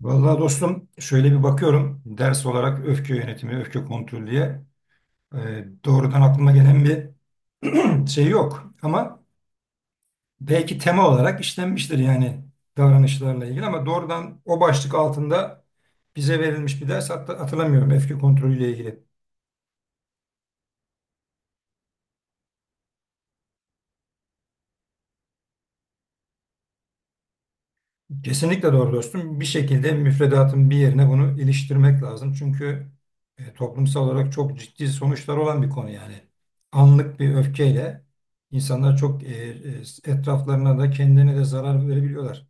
Vallahi dostum şöyle bir bakıyorum ders olarak öfke yönetimi, öfke kontrolü diye doğrudan aklıma gelen bir şey yok. Ama belki tema olarak işlenmiştir yani davranışlarla ilgili ama doğrudan o başlık altında bize verilmiş bir ders hatta hatırlamıyorum öfke kontrolüyle ilgili. Kesinlikle doğru dostum. Bir şekilde müfredatın bir yerine bunu iliştirmek lazım. Çünkü toplumsal olarak çok ciddi sonuçlar olan bir konu yani. Anlık bir öfkeyle insanlar çok etraflarına da kendine de zarar verebiliyorlar.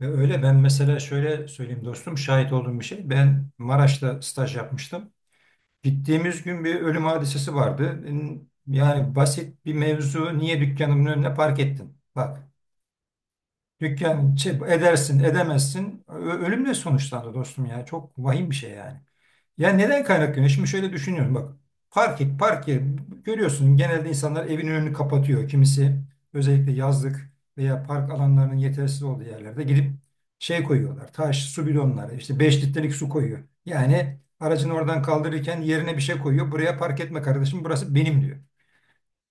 Ve öyle ben mesela şöyle söyleyeyim dostum şahit olduğum bir şey. Ben Maraş'ta staj yapmıştım. Gittiğimiz gün bir ölüm hadisesi vardı. Yani basit bir mevzu niye dükkanımın önüne park ettin? Bak. Dükkan şey, edersin, edemezsin. Ölümle sonuçlandı dostum ya. Çok vahim bir şey yani. Ya neden kaynaklanıyor? Şimdi şöyle düşünüyorum bak. Park et, park et. Görüyorsun genelde insanlar evin önünü kapatıyor. Kimisi özellikle yazlık veya park alanlarının yetersiz olduğu yerlerde gidip şey koyuyorlar. Taş, su bidonları, işte 5 litrelik su koyuyor. Yani aracını oradan kaldırırken yerine bir şey koyuyor. Buraya park etme kardeşim, burası benim diyor.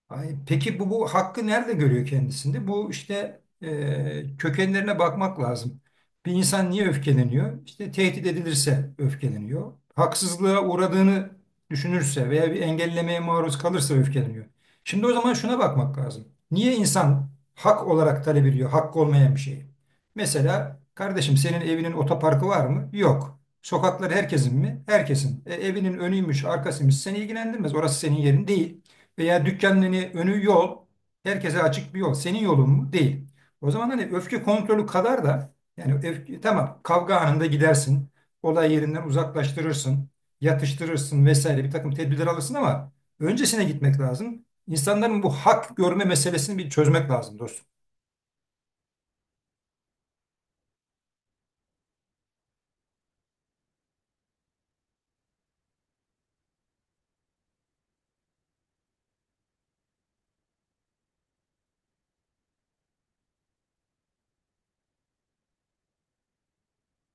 Ay, peki bu hakkı nerede görüyor kendisinde? Bu işte kökenlerine bakmak lazım. Bir insan niye öfkeleniyor? İşte tehdit edilirse öfkeleniyor. Haksızlığa uğradığını düşünürse veya bir engellemeye maruz kalırsa öfkeleniyor. Şimdi o zaman şuna bakmak lazım. Niye insan hak olarak talep ediyor, hakkı olmayan bir şeyi? Mesela kardeşim senin evinin otoparkı var mı? Yok. Sokaklar herkesin mi? Herkesin. E, evinin önüymüş, arkasıymış seni ilgilendirmez. Orası senin yerin değil veya dükkanın hani önü yol, herkese açık bir yol. Senin yolun mu? Değil. O zaman hani öfke kontrolü kadar da yani öfke, tamam kavga anında gidersin, olay yerinden uzaklaştırırsın, yatıştırırsın vesaire bir takım tedbirler alırsın ama öncesine gitmek lazım. İnsanların bu hak görme meselesini bir çözmek lazım dostum.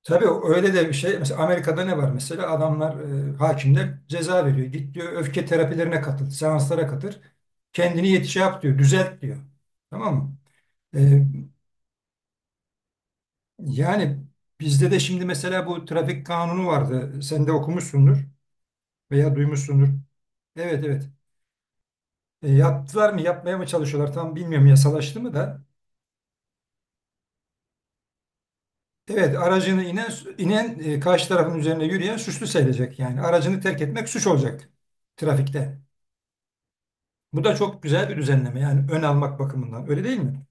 Tabii öyle de bir şey. Mesela Amerika'da ne var mesela? Adamlar, hakimler ceza veriyor. Git diyor öfke terapilerine katıl, seanslara katıl. Kendini yetiş yap diyor, düzelt diyor. Tamam mı? E, yani bizde de şimdi mesela bu trafik kanunu vardı. Sen de okumuşsundur veya duymuşsundur. Evet, evet. E, yaptılar mı yapmaya mı çalışıyorlar tam bilmiyorum yasalaştı mı da. Evet aracını inen karşı tarafın üzerine yürüyen suçlu sayılacak. Yani aracını terk etmek suç olacak trafikte. Bu da çok güzel bir düzenleme yani ön almak bakımından öyle değil mi?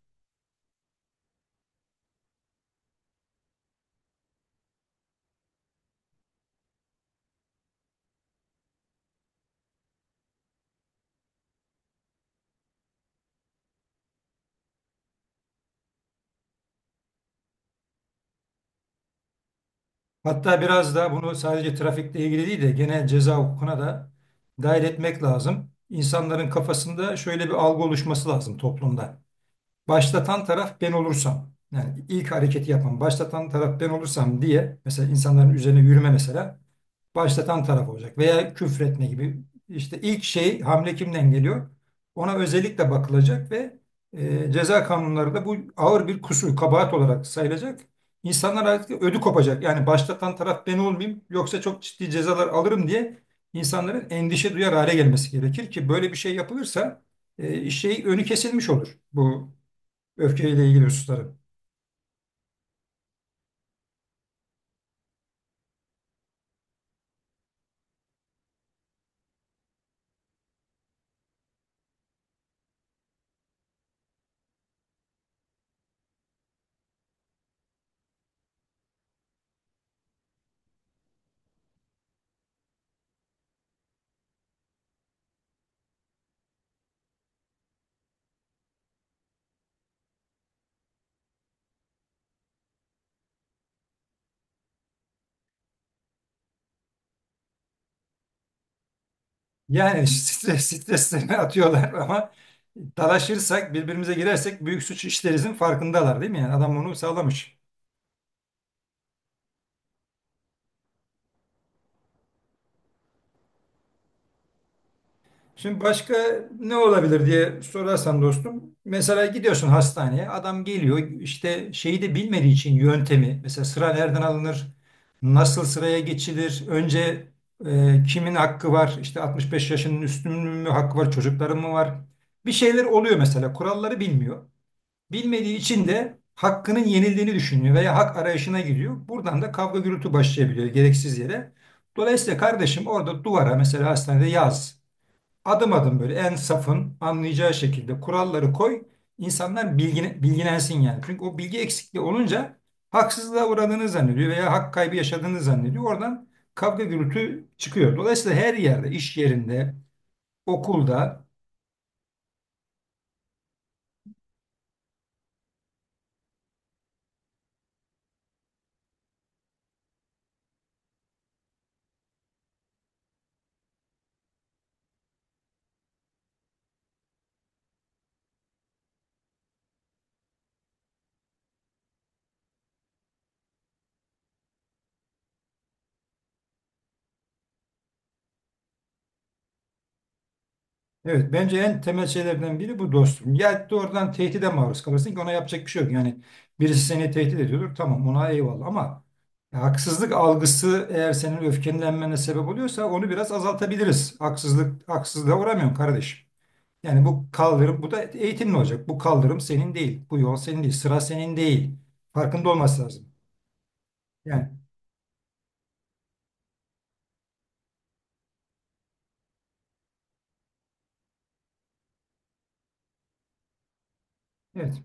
Hatta biraz da bunu sadece trafikle ilgili değil de genel ceza hukukuna da dahil etmek lazım. İnsanların kafasında şöyle bir algı oluşması lazım toplumda. Başlatan taraf ben olursam yani ilk hareketi yapan başlatan taraf ben olursam diye mesela insanların üzerine yürüme mesela başlatan taraf olacak veya küfretme gibi işte ilk şey hamle kimden geliyor ona özellikle bakılacak ve ceza kanunları da bu ağır bir kusur kabahat olarak sayılacak. İnsanlar artık ödü kopacak yani başlatan taraf ben olmayayım yoksa çok ciddi cezalar alırım diye insanların endişe duyar hale gelmesi gerekir ki böyle bir şey yapılırsa şey önü kesilmiş olur bu öfkeyle ilgili hususları. Yani streslerini atıyorlar ama dalaşırsak, birbirimize girersek büyük suç işlerizin farkındalar değil mi? Yani adam bunu sağlamış. Şimdi başka ne olabilir diye sorarsan dostum. Mesela gidiyorsun hastaneye, adam geliyor işte şeyi de bilmediği için yöntemi. Mesela sıra nereden alınır? Nasıl sıraya geçilir? Önce kimin hakkı var? İşte 65 yaşının üstünün mü hakkı var? Çocukların mı var? Bir şeyler oluyor mesela. Kuralları bilmiyor. Bilmediği için de hakkının yenildiğini düşünüyor veya hak arayışına giriyor. Buradan da kavga gürültü başlayabiliyor gereksiz yere. Dolayısıyla kardeşim orada duvara mesela hastanede yaz. Adım adım böyle en safın anlayacağı şekilde kuralları koy. İnsanlar bilgilensin yani. Çünkü o bilgi eksikliği olunca haksızlığa uğradığını zannediyor veya hak kaybı yaşadığını zannediyor. Oradan kavga gürültü çıkıyor. Dolayısıyla her yerde, iş yerinde, okulda. Evet, bence en temel şeylerden biri bu dostum. Ya doğrudan tehdide maruz kalırsın ki ona yapacak bir şey yok. Yani birisi seni tehdit ediyordur, tamam ona eyvallah ama ya haksızlık algısı eğer senin öfkelenmene sebep oluyorsa onu biraz azaltabiliriz. Haksızlığa uğramıyorum kardeşim. Yani bu kaldırım, bu da eğitimli olacak. Bu kaldırım senin değil, bu yol senin değil, sıra senin değil. Farkında olması lazım. Yani evet.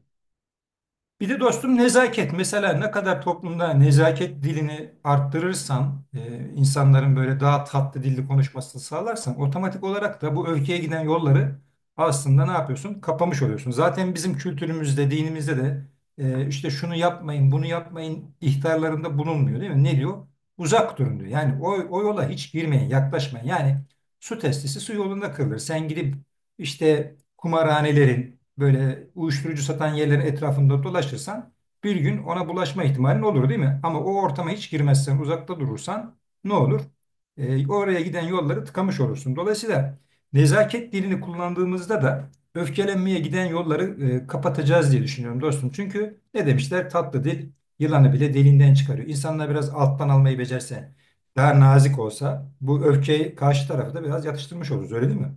Bir de dostum nezaket. Mesela ne kadar toplumda nezaket dilini arttırırsan, insanların böyle daha tatlı dilli konuşmasını sağlarsan otomatik olarak da bu öfkeye giden yolları aslında ne yapıyorsun? Kapamış oluyorsun. Zaten bizim kültürümüzde, dinimizde de işte şunu yapmayın, bunu yapmayın ihtarlarında bulunmuyor değil mi? Ne diyor? Uzak durun diyor. Yani o yola hiç girmeyin, yaklaşmayın. Yani su testisi su yolunda kırılır. Sen gidip işte kumarhanelerin böyle uyuşturucu satan yerlerin etrafında dolaşırsan bir gün ona bulaşma ihtimalin olur değil mi? Ama o ortama hiç girmezsen, uzakta durursan ne olur? E, oraya giden yolları tıkamış olursun. Dolayısıyla nezaket dilini kullandığımızda da öfkelenmeye giden yolları kapatacağız diye düşünüyorum dostum. Çünkü ne demişler? Tatlı dil yılanı bile deliğinden çıkarıyor. İnsanlar biraz alttan almayı becerse, daha nazik olsa bu öfkeyi karşı tarafı da biraz yatıştırmış oluruz öyle değil mi?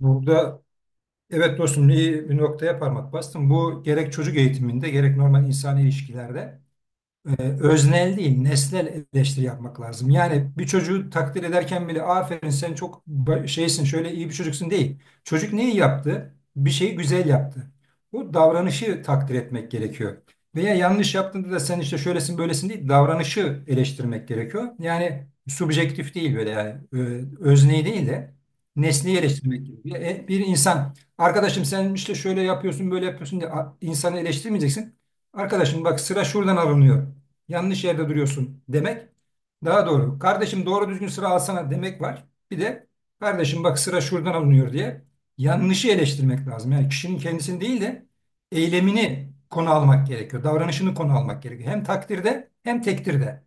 Burada evet dostum iyi bir noktaya parmak bastın. Bu gerek çocuk eğitiminde gerek normal insan ilişkilerde öznel değil, nesnel eleştiri yapmak lazım. Yani bir çocuğu takdir ederken bile aferin sen çok şeysin, şöyle iyi bir çocuksun değil. Çocuk neyi yaptı? Bir şeyi güzel yaptı. Bu davranışı takdir etmek gerekiyor. Veya yanlış yaptığında da sen işte şöylesin böylesin değil, davranışı eleştirmek gerekiyor. Yani subjektif değil böyle yani özneyi değil de nesneyi eleştirmek gerekiyor. E, bir insan arkadaşım sen işte şöyle yapıyorsun böyle yapıyorsun diye insanı eleştirmeyeceksin. Arkadaşım bak sıra şuradan alınıyor yanlış yerde duruyorsun demek. Daha doğru. Kardeşim doğru düzgün sıra alsana demek var. Bir de kardeşim bak sıra şuradan alınıyor diye yanlışı eleştirmek lazım. Yani kişinin kendisini değil de eylemini konu almak gerekiyor. Davranışını konu almak gerekiyor. Hem takdirde hem tektirde.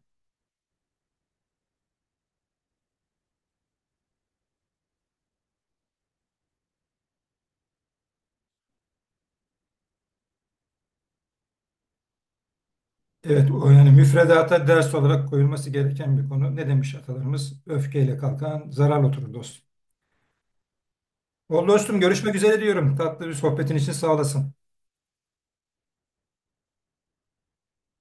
Evet, o yani müfredata ders olarak koyulması gereken bir konu. Ne demiş atalarımız? Öfkeyle kalkan zarar oturur dost. Ol dostum görüşmek üzere diyorum. Tatlı bir sohbetin için sağ olasın.